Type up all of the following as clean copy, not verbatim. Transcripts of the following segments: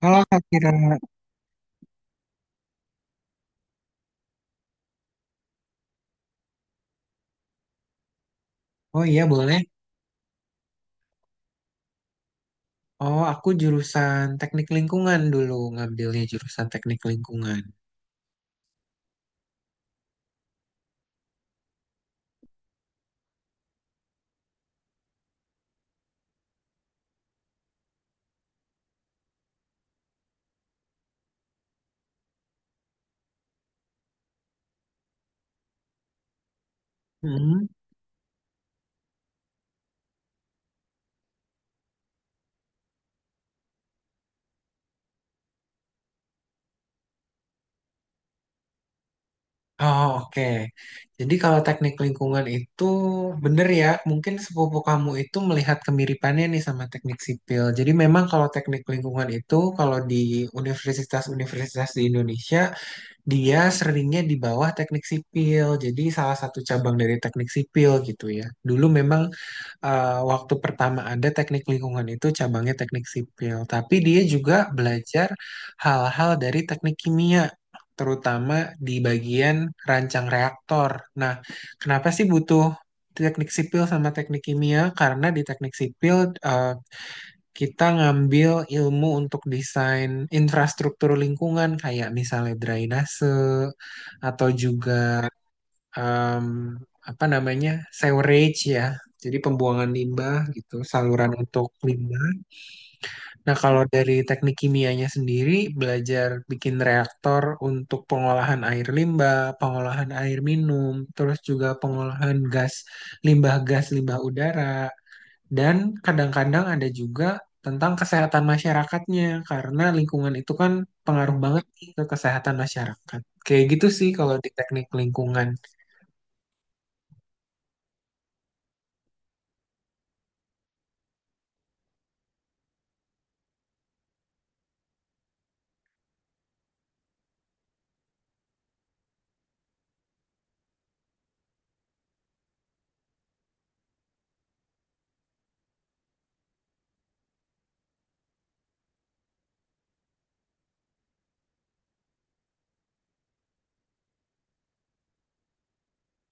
Kalau Kak Kira, oh iya boleh. Oh aku jurusan teknik lingkungan dulu ngambilnya jurusan teknik lingkungan. Hmm. Oh oke. Jadi kalau teknik lingkungan itu bener ya, mungkin sepupu kamu itu melihat kemiripannya nih sama teknik sipil. Jadi memang kalau teknik lingkungan itu kalau di universitas-universitas di Indonesia dia seringnya di bawah teknik sipil. Jadi salah satu cabang dari teknik sipil gitu ya. Dulu memang waktu pertama ada teknik lingkungan itu cabangnya teknik sipil, tapi dia juga belajar hal-hal dari teknik kimia, terutama di bagian rancang reaktor. Nah, kenapa sih butuh teknik sipil sama teknik kimia? Karena di teknik sipil eh, kita ngambil ilmu untuk desain infrastruktur lingkungan, kayak misalnya drainase atau juga em, apa namanya sewerage ya, jadi pembuangan limbah gitu, saluran untuk limbah. Nah kalau dari teknik kimianya sendiri belajar bikin reaktor untuk pengolahan air limbah, pengolahan air minum, terus juga pengolahan gas limbah, gas limbah udara, dan kadang-kadang ada juga tentang kesehatan masyarakatnya karena lingkungan itu kan pengaruh banget nih ke kesehatan masyarakat. Kayak gitu sih kalau di teknik lingkungan.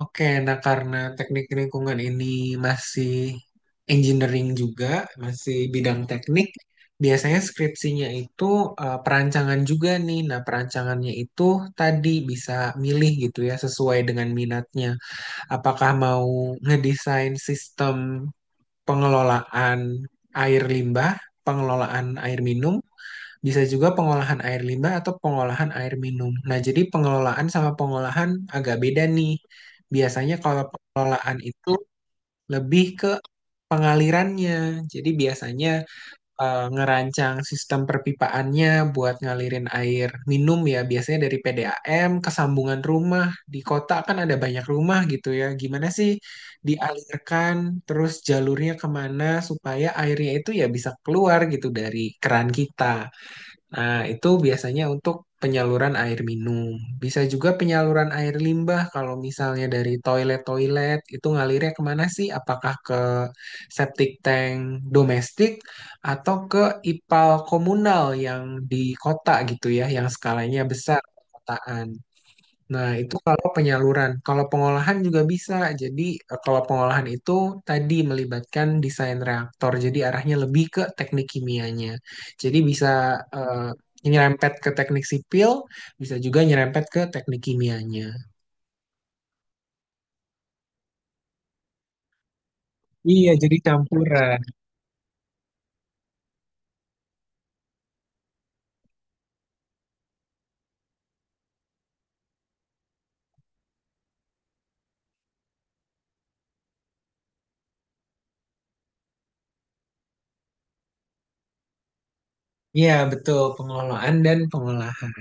Oke, nah karena teknik lingkungan ini masih engineering juga, masih bidang teknik, biasanya skripsinya itu perancangan juga nih. Nah, perancangannya itu tadi bisa milih gitu ya sesuai dengan minatnya. Apakah mau ngedesain sistem pengelolaan air limbah, pengelolaan air minum, bisa juga pengolahan air limbah atau pengolahan air minum. Nah, jadi pengelolaan sama pengolahan agak beda nih. Biasanya kalau pengelolaan itu lebih ke pengalirannya. Jadi biasanya ngerancang sistem perpipaannya buat ngalirin air minum ya. Biasanya dari PDAM ke sambungan rumah. Di kota kan ada banyak rumah gitu ya. Gimana sih dialirkan, terus jalurnya kemana supaya airnya itu ya bisa keluar gitu dari keran kita. Nah, itu biasanya untuk penyaluran air minum. Bisa juga penyaluran air limbah kalau misalnya dari toilet-toilet itu ngalirnya kemana sih? Apakah ke septic tank domestik atau ke IPAL komunal yang di kota gitu ya, yang skalanya besar kotaan. Nah, itu kalau penyaluran. Kalau pengolahan juga bisa. Jadi, kalau pengolahan itu tadi melibatkan desain reaktor. Jadi, arahnya lebih ke teknik kimianya. Jadi, bisa eh, nyerempet ke teknik sipil, bisa juga nyerempet ke teknik kimianya. Iya, jadi campuran. Iya, betul. Pengelolaan dan pengolahan.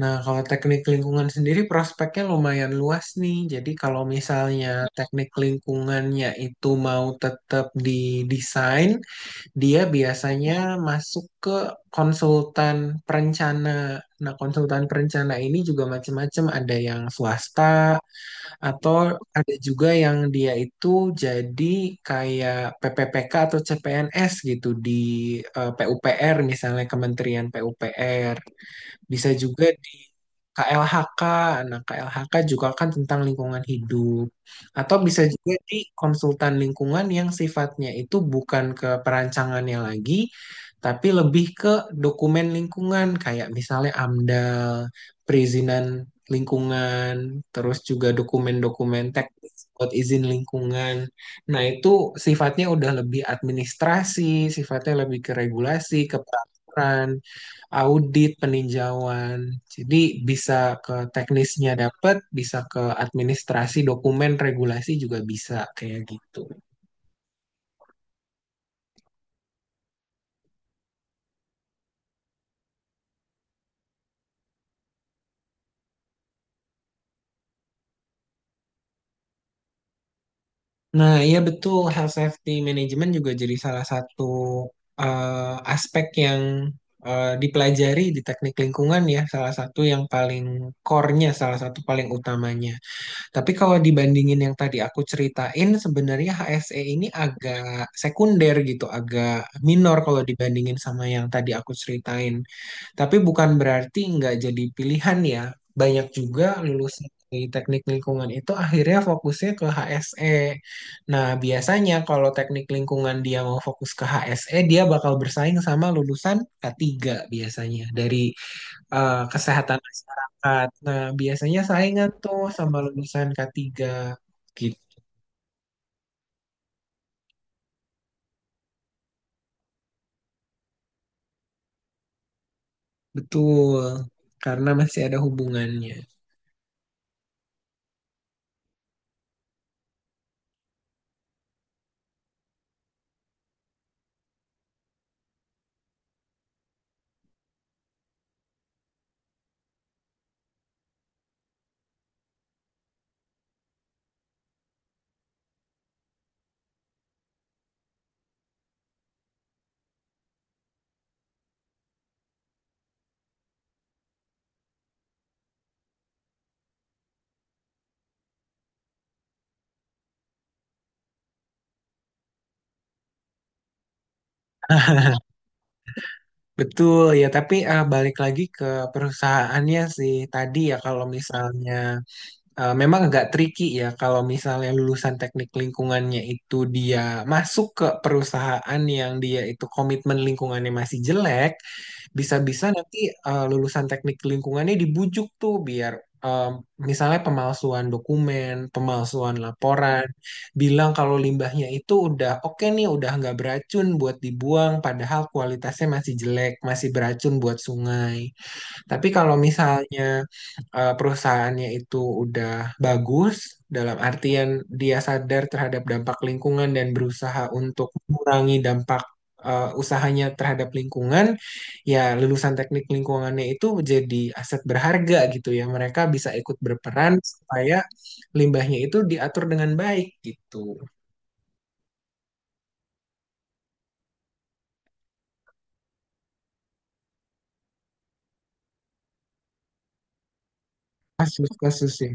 Nah, kalau teknik lingkungan sendiri prospeknya lumayan luas nih. Jadi, kalau misalnya teknik lingkungannya itu mau tetap di desain, dia biasanya masuk ke konsultan perencana. Nah, konsultan perencana ini juga macam-macam, ada yang swasta atau ada juga yang dia itu jadi kayak PPPK atau CPNS gitu di PUPR, misalnya Kementerian PUPR. Bisa juga di KLHK. Nah, KLHK juga kan tentang lingkungan hidup. Atau bisa juga di konsultan lingkungan yang sifatnya itu bukan ke perancangannya lagi, tapi lebih ke dokumen lingkungan, kayak misalnya AMDAL, perizinan lingkungan, terus juga dokumen-dokumen teknis buat izin lingkungan. Nah, itu sifatnya udah lebih administrasi, sifatnya lebih ke regulasi, ke peraturan, audit, peninjauan. Jadi bisa ke teknisnya dapat, bisa ke administrasi dokumen, regulasi juga bisa, kayak gitu. Nah, iya betul, health safety management juga jadi salah satu aspek yang dipelajari di teknik lingkungan ya, salah satu yang paling core-nya, salah satu paling utamanya. Tapi kalau dibandingin yang tadi aku ceritain, sebenarnya HSE ini agak sekunder gitu, agak minor kalau dibandingin sama yang tadi aku ceritain. Tapi bukan berarti nggak jadi pilihan ya. Banyak juga lulusan dari teknik lingkungan itu akhirnya fokusnya ke HSE. Nah, biasanya kalau teknik lingkungan dia mau fokus ke HSE, dia bakal bersaing sama lulusan K3, biasanya dari kesehatan masyarakat. Nah, biasanya saingan tuh sama lulusan K3. Gitu. Betul, karena masih ada hubungannya. Betul ya, tapi balik lagi ke perusahaannya sih tadi ya. Kalau misalnya memang agak tricky ya kalau misalnya lulusan teknik lingkungannya itu dia masuk ke perusahaan yang dia itu komitmen lingkungannya masih jelek, bisa-bisa nanti lulusan teknik lingkungannya dibujuk tuh biar eh, misalnya pemalsuan dokumen, pemalsuan laporan, bilang kalau limbahnya itu udah oke nih, udah nggak beracun buat dibuang, padahal kualitasnya masih jelek, masih beracun buat sungai. Tapi kalau misalnya perusahaannya itu udah bagus, dalam artian dia sadar terhadap dampak lingkungan dan berusaha untuk mengurangi dampak usahanya terhadap lingkungan, ya lulusan teknik lingkungannya itu jadi aset berharga gitu ya. Mereka bisa ikut berperan supaya limbahnya itu diatur dengan baik gitu. Kasus-kasusnya.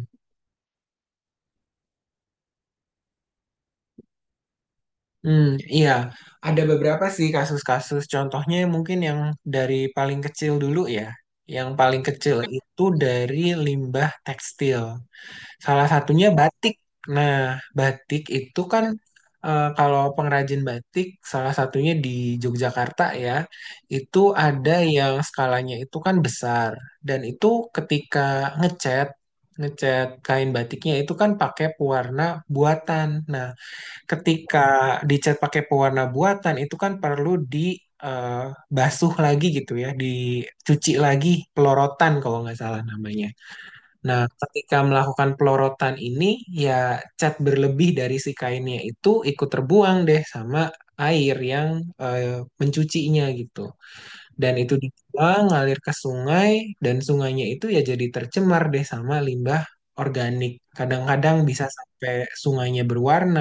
Hmm, iya, ada beberapa sih kasus-kasus. Contohnya mungkin yang dari paling kecil dulu ya. Yang paling kecil itu dari limbah tekstil. Salah satunya batik. Nah, batik itu kan kalau pengrajin batik, salah satunya di Yogyakarta ya, itu ada yang skalanya itu kan besar. Dan itu ketika ngecat, ngecat kain batiknya itu kan pakai pewarna buatan. Nah, ketika dicat pakai pewarna buatan itu kan perlu di eh, basuh lagi gitu ya, dicuci lagi, pelorotan kalau nggak salah namanya. Nah, ketika melakukan pelorotan ini ya cat berlebih dari si kainnya itu ikut terbuang deh sama air yang mencucinya gitu. Dan itu dibuang ngalir ke sungai dan sungainya itu ya jadi tercemar deh sama limbah organik. Kadang-kadang bisa sampai sungainya berwarna,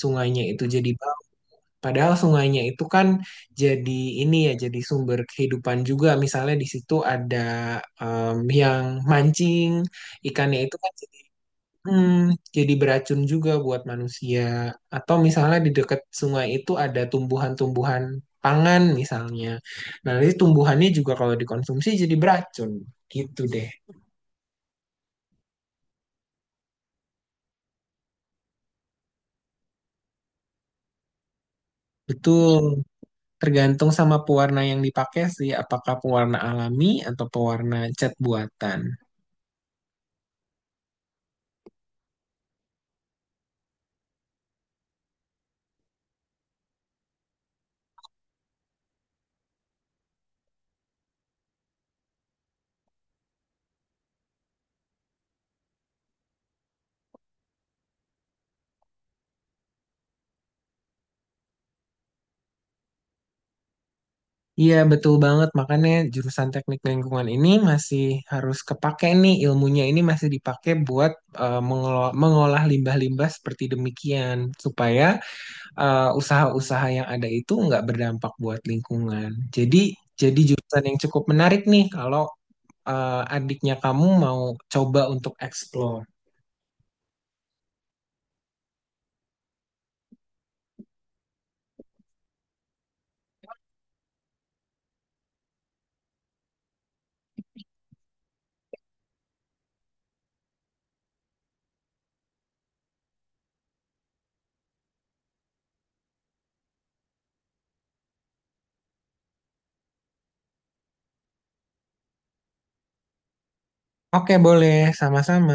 sungainya itu jadi bau. Padahal sungainya itu kan jadi ini ya, jadi sumber kehidupan juga. Misalnya di situ ada yang mancing, ikannya itu kan Hmm, jadi beracun juga buat manusia. Atau misalnya di dekat sungai itu ada tumbuhan-tumbuhan pangan misalnya. Nah, nanti tumbuhannya juga kalau dikonsumsi jadi beracun. Gitu deh. Betul. Tergantung sama pewarna yang dipakai sih, apakah pewarna alami atau pewarna cat buatan. Iya, betul banget. Makanya jurusan teknik lingkungan ini masih harus kepake nih, ilmunya ini masih dipakai buat mengelola- mengolah limbah-limbah seperti demikian supaya usaha-usaha yang ada itu nggak berdampak buat lingkungan. Jadi jadi jurusan yang cukup menarik nih kalau adiknya kamu mau coba untuk explore. Oke, boleh, sama-sama.